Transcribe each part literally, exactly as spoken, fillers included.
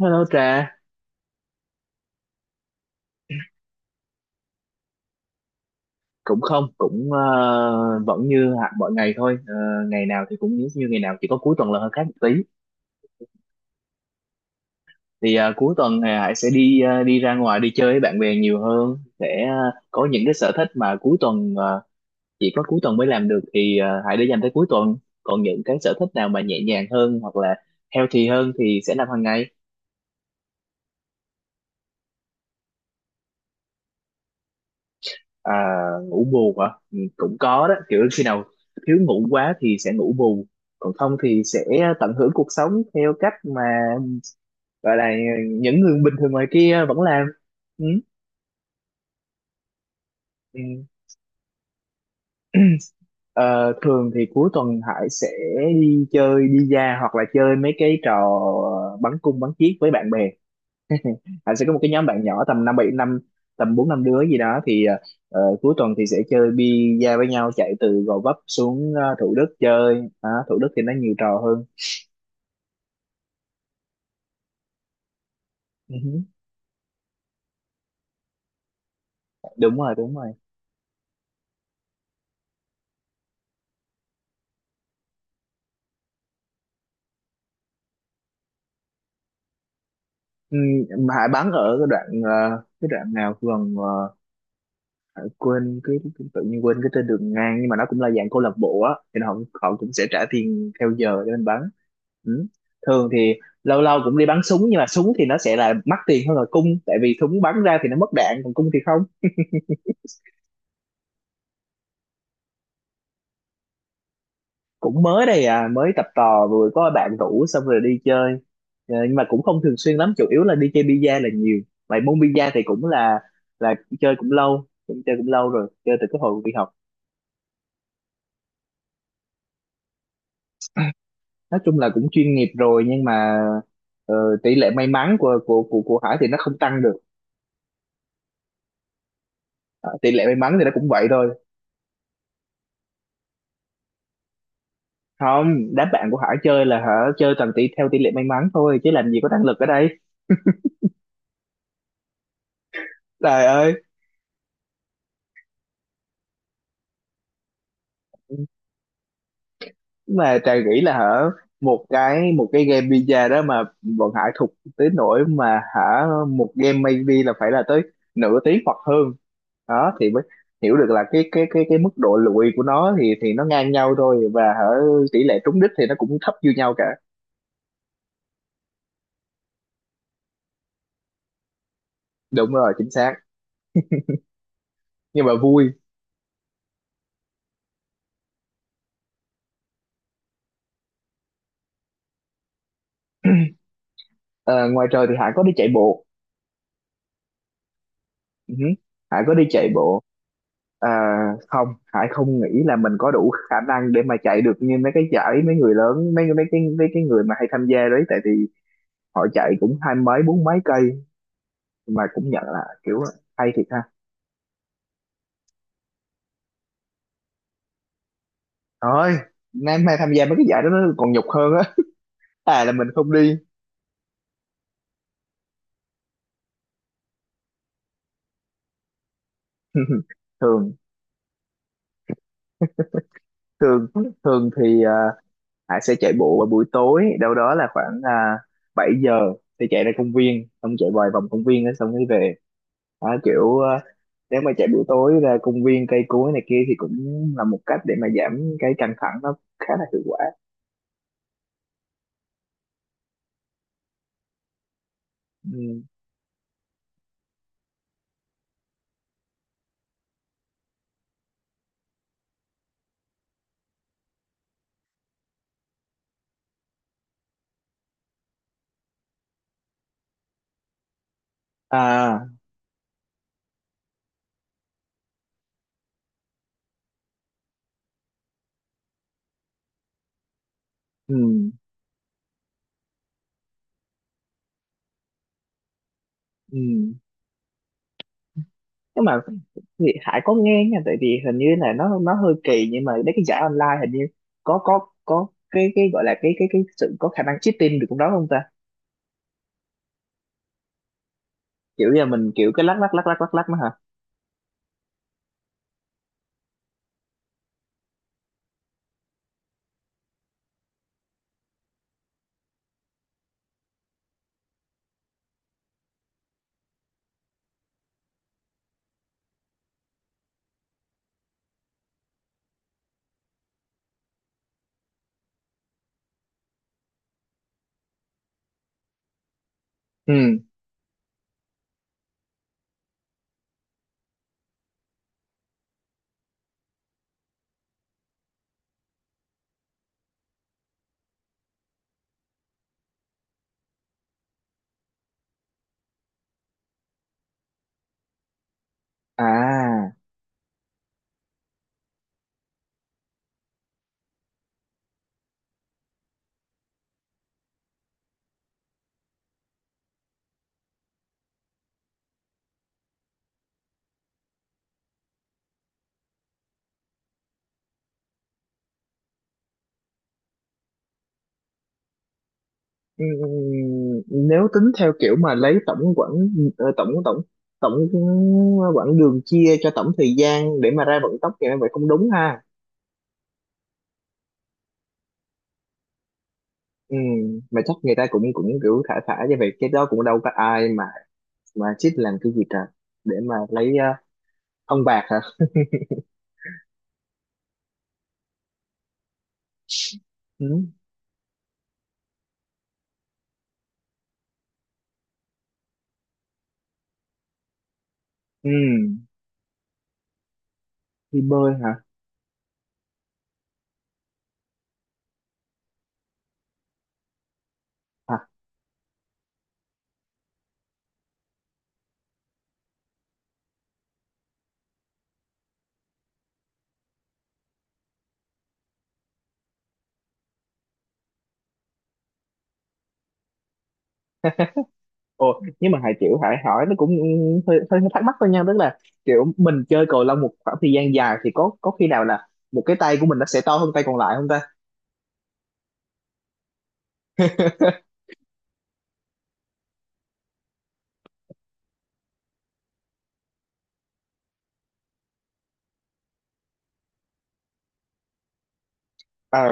Hello Trà, cũng không, cũng ờ, vẫn như hạt mọi ngày thôi. Ờ, Ngày nào thì cũng như, như ngày nào, chỉ có cuối tuần là hơi khác một tí. Thì ờ, cuối tuần thì Hải sẽ đi ờ, đi ra ngoài đi chơi với bạn bè nhiều hơn, sẽ ờ, có những cái sở thích mà cuối tuần ờ, chỉ có cuối tuần mới làm được thì ờ, Hải để dành tới cuối tuần. Còn những cái sở thích nào mà nhẹ nhàng hơn hoặc là healthy hơn thì sẽ làm hàng ngày. À, ngủ bù hả? Ừ, cũng có đó, kiểu khi nào thiếu ngủ quá thì sẽ ngủ bù, còn không thì sẽ tận hưởng cuộc sống theo cách mà gọi là những người bình thường ngoài kia vẫn làm. Ừ. Ừ. Ờ, Thường thì cuối tuần Hải sẽ đi chơi đi ra hoặc là chơi mấy cái trò bắn cung bắn chiếc với bạn bè. Anh sẽ có một cái nhóm bạn nhỏ tầm năm bảy năm, tầm bốn năm đứa gì đó thì ờ, cuối tuần thì sẽ chơi bi-a với nhau, chạy từ Gò Vấp xuống ờ, Thủ Đức chơi. Đó, Thủ Đức thì nó nhiều trò hơn. Ừ, đúng rồi đúng rồi. Ừ, Hải bắn ở cái đoạn ờ, cái đoạn nào gần ờ, quên cái, tự nhiên quên cái tên đường ngang, nhưng mà nó cũng là dạng câu lạc bộ á, thì họ họ cũng sẽ trả tiền theo giờ để mình bắn. Ừ. Thường thì lâu lâu cũng đi bắn súng, nhưng mà súng thì nó sẽ là mắc tiền hơn là cung, tại vì súng bắn ra thì nó mất đạn còn cung thì không. Cũng mới đây à, mới tập tò, vừa có bạn rủ xong rồi đi chơi. Ờ, nhưng mà cũng không thường xuyên lắm, chủ yếu là đi chơi bi-a là nhiều. Vậy môn bi-a thì cũng là là chơi cũng lâu, cũng chơi cũng lâu rồi, chơi từ cái hồi đi học. Nói chung là cũng chuyên nghiệp rồi, nhưng mà ờ, tỷ lệ may mắn của của của của Hải thì nó không tăng được. Ờ, tỷ lệ may mắn thì nó cũng vậy thôi. Không, đám bạn của Hải chơi là hả, chơi toàn tỷ theo tỷ lệ may mắn thôi chứ làm gì có năng lực ở đây, trời ơi. Mà Trà nghĩ là hả, một cái một cái game pizza đó mà bọn Hải thục tới nỗi mà hả một game maybe là phải là tới nửa tiếng hoặc hơn, đó thì mới hiểu được là cái cái cái cái mức độ lụi của nó thì thì nó ngang nhau thôi, và hả tỷ lệ trúng đích thì nó cũng thấp như nhau cả. Đúng rồi, chính xác, nhưng mà vui. Ờ, ngoài trời thì Hải có đi chạy bộ. Ừ. Hải có đi chạy bộ. À, không, Hải không nghĩ là mình có đủ khả năng để mà chạy được như mấy cái giải mấy người lớn, mấy mấy cái mấy cái người mà hay tham gia đấy, tại vì họ chạy cũng hai mấy bốn mấy cây, mà cũng nhận là kiểu hay thiệt ha. Thôi, nay mai tham gia mấy cái giải đó nó còn nhục hơn á, à là mình không đi. thường thường thường thì à, Hải sẽ chạy bộ vào buổi tối, đâu đó là khoảng à, bảy giờ, thì chạy ra công viên xong chạy vài vòng công viên á, xong mới về. Đó, kiểu à, nếu mà chạy buổi tối ra công viên cây cối này kia thì cũng là một cách để mà giảm cái căng thẳng, nó khá là hiệu quả. Ừ. À. Ừ. Ừ. Nhưng mà thì Hải có nghe nha, tại vì hình như là nó nó hơi kỳ, nhưng mà mấy cái giải online hình như có có có cái cái gọi là cái cái cái sự có khả năng cheating được cũng đó không ta. Kiểu giờ mình kiểu cái lắc lắc lắc lắc lắc lắc mà hả. Ừ. À. Ừm, nếu tính theo kiểu mà lấy tổng quãng ờ, tổng tổng tổng quãng đường chia cho tổng thời gian để mà ra vận tốc thì nó vậy không đúng ha. Ừm, mà chắc người ta cũng cũng kiểu thả thả như vậy, cái đó cũng đâu có ai mà mà chích làm cái gì trời, để mà lấy ờ, ông bạc hả. Ừm. Ừm, đi bơi hả? À, ồ, nhưng mà Hải kiểu Hải hỏi nó cũng hơi, hơi thắc mắc thôi nha, tức là kiểu mình chơi cầu lông một khoảng thời gian dài thì có có khi nào là một cái tay của mình nó sẽ to hơn tay còn lại không ta. Ờ.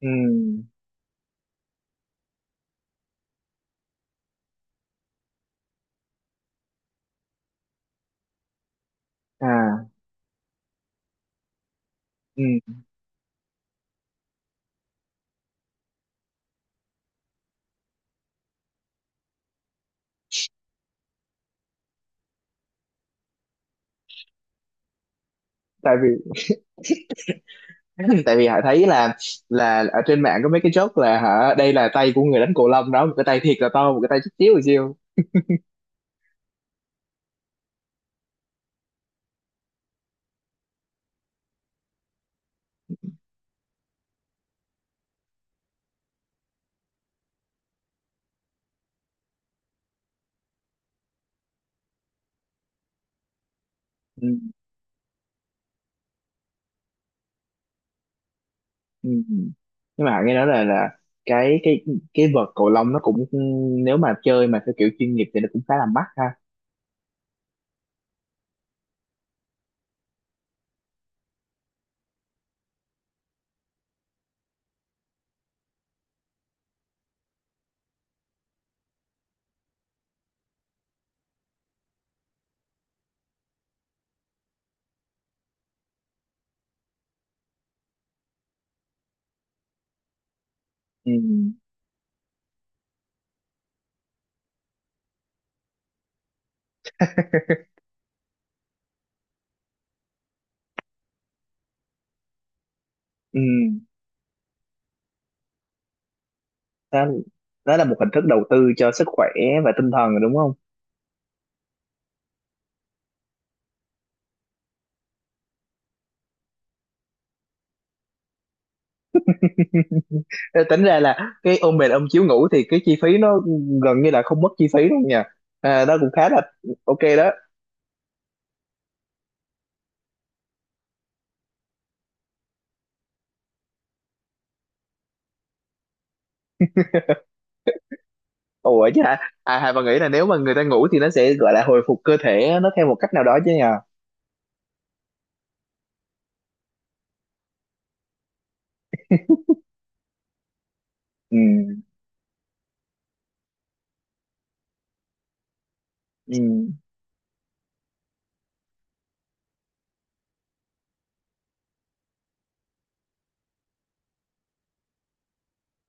Ừ. À. Ừ. Tại vì tại vì họ thấy là là ở trên mạng có mấy cái joke là hả, đây là tay của người đánh cầu lông đó, một cái tay thiệt là to một cái tay chút xíu rồi siêu. Ừ. Ừ. Nhưng mà họ nghe nói là là cái cái cái vợt cầu lông nó cũng, nếu mà chơi mà theo kiểu chuyên nghiệp thì nó cũng khá là mắc ha. Ừ. Ừ. Đó, đó là một hình thức đầu tư cho sức khỏe và tinh thần rồi đúng không. Tính ra là cái ôm mền ôm chiếu ngủ thì cái chi phí nó gần như là không mất chi phí luôn nha. À, đó cũng khá là ok đó. Ủa chứ hả, à, Hà bà nghĩ là nếu mà người ta ngủ thì nó sẽ gọi là hồi phục cơ thể nó theo một cách nào đó chứ nha. Ừ, ừ.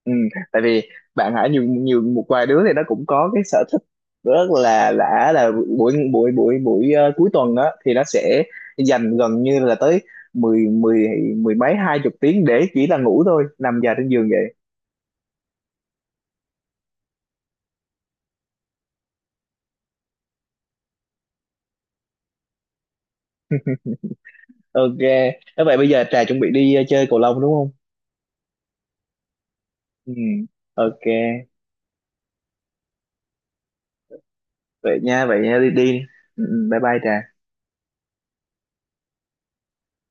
Ừ. Tại vì bạn hả nhiều, nhiều một vài đứa thì nó cũng có cái sở thích rất là lạ là buổi buổi buổi buổi ờ, cuối tuần đó thì nó sẽ dành gần như là tới mười mười mười mấy hai chục tiếng để chỉ là ngủ thôi, nằm dài trên giường. Ok. Thế vậy bây giờ Trà chuẩn bị đi ờ, chơi cầu lông đúng không. Ừ. Ok, vậy nha vậy nha, đi đi. Ừ, ừ, bye bye Trà.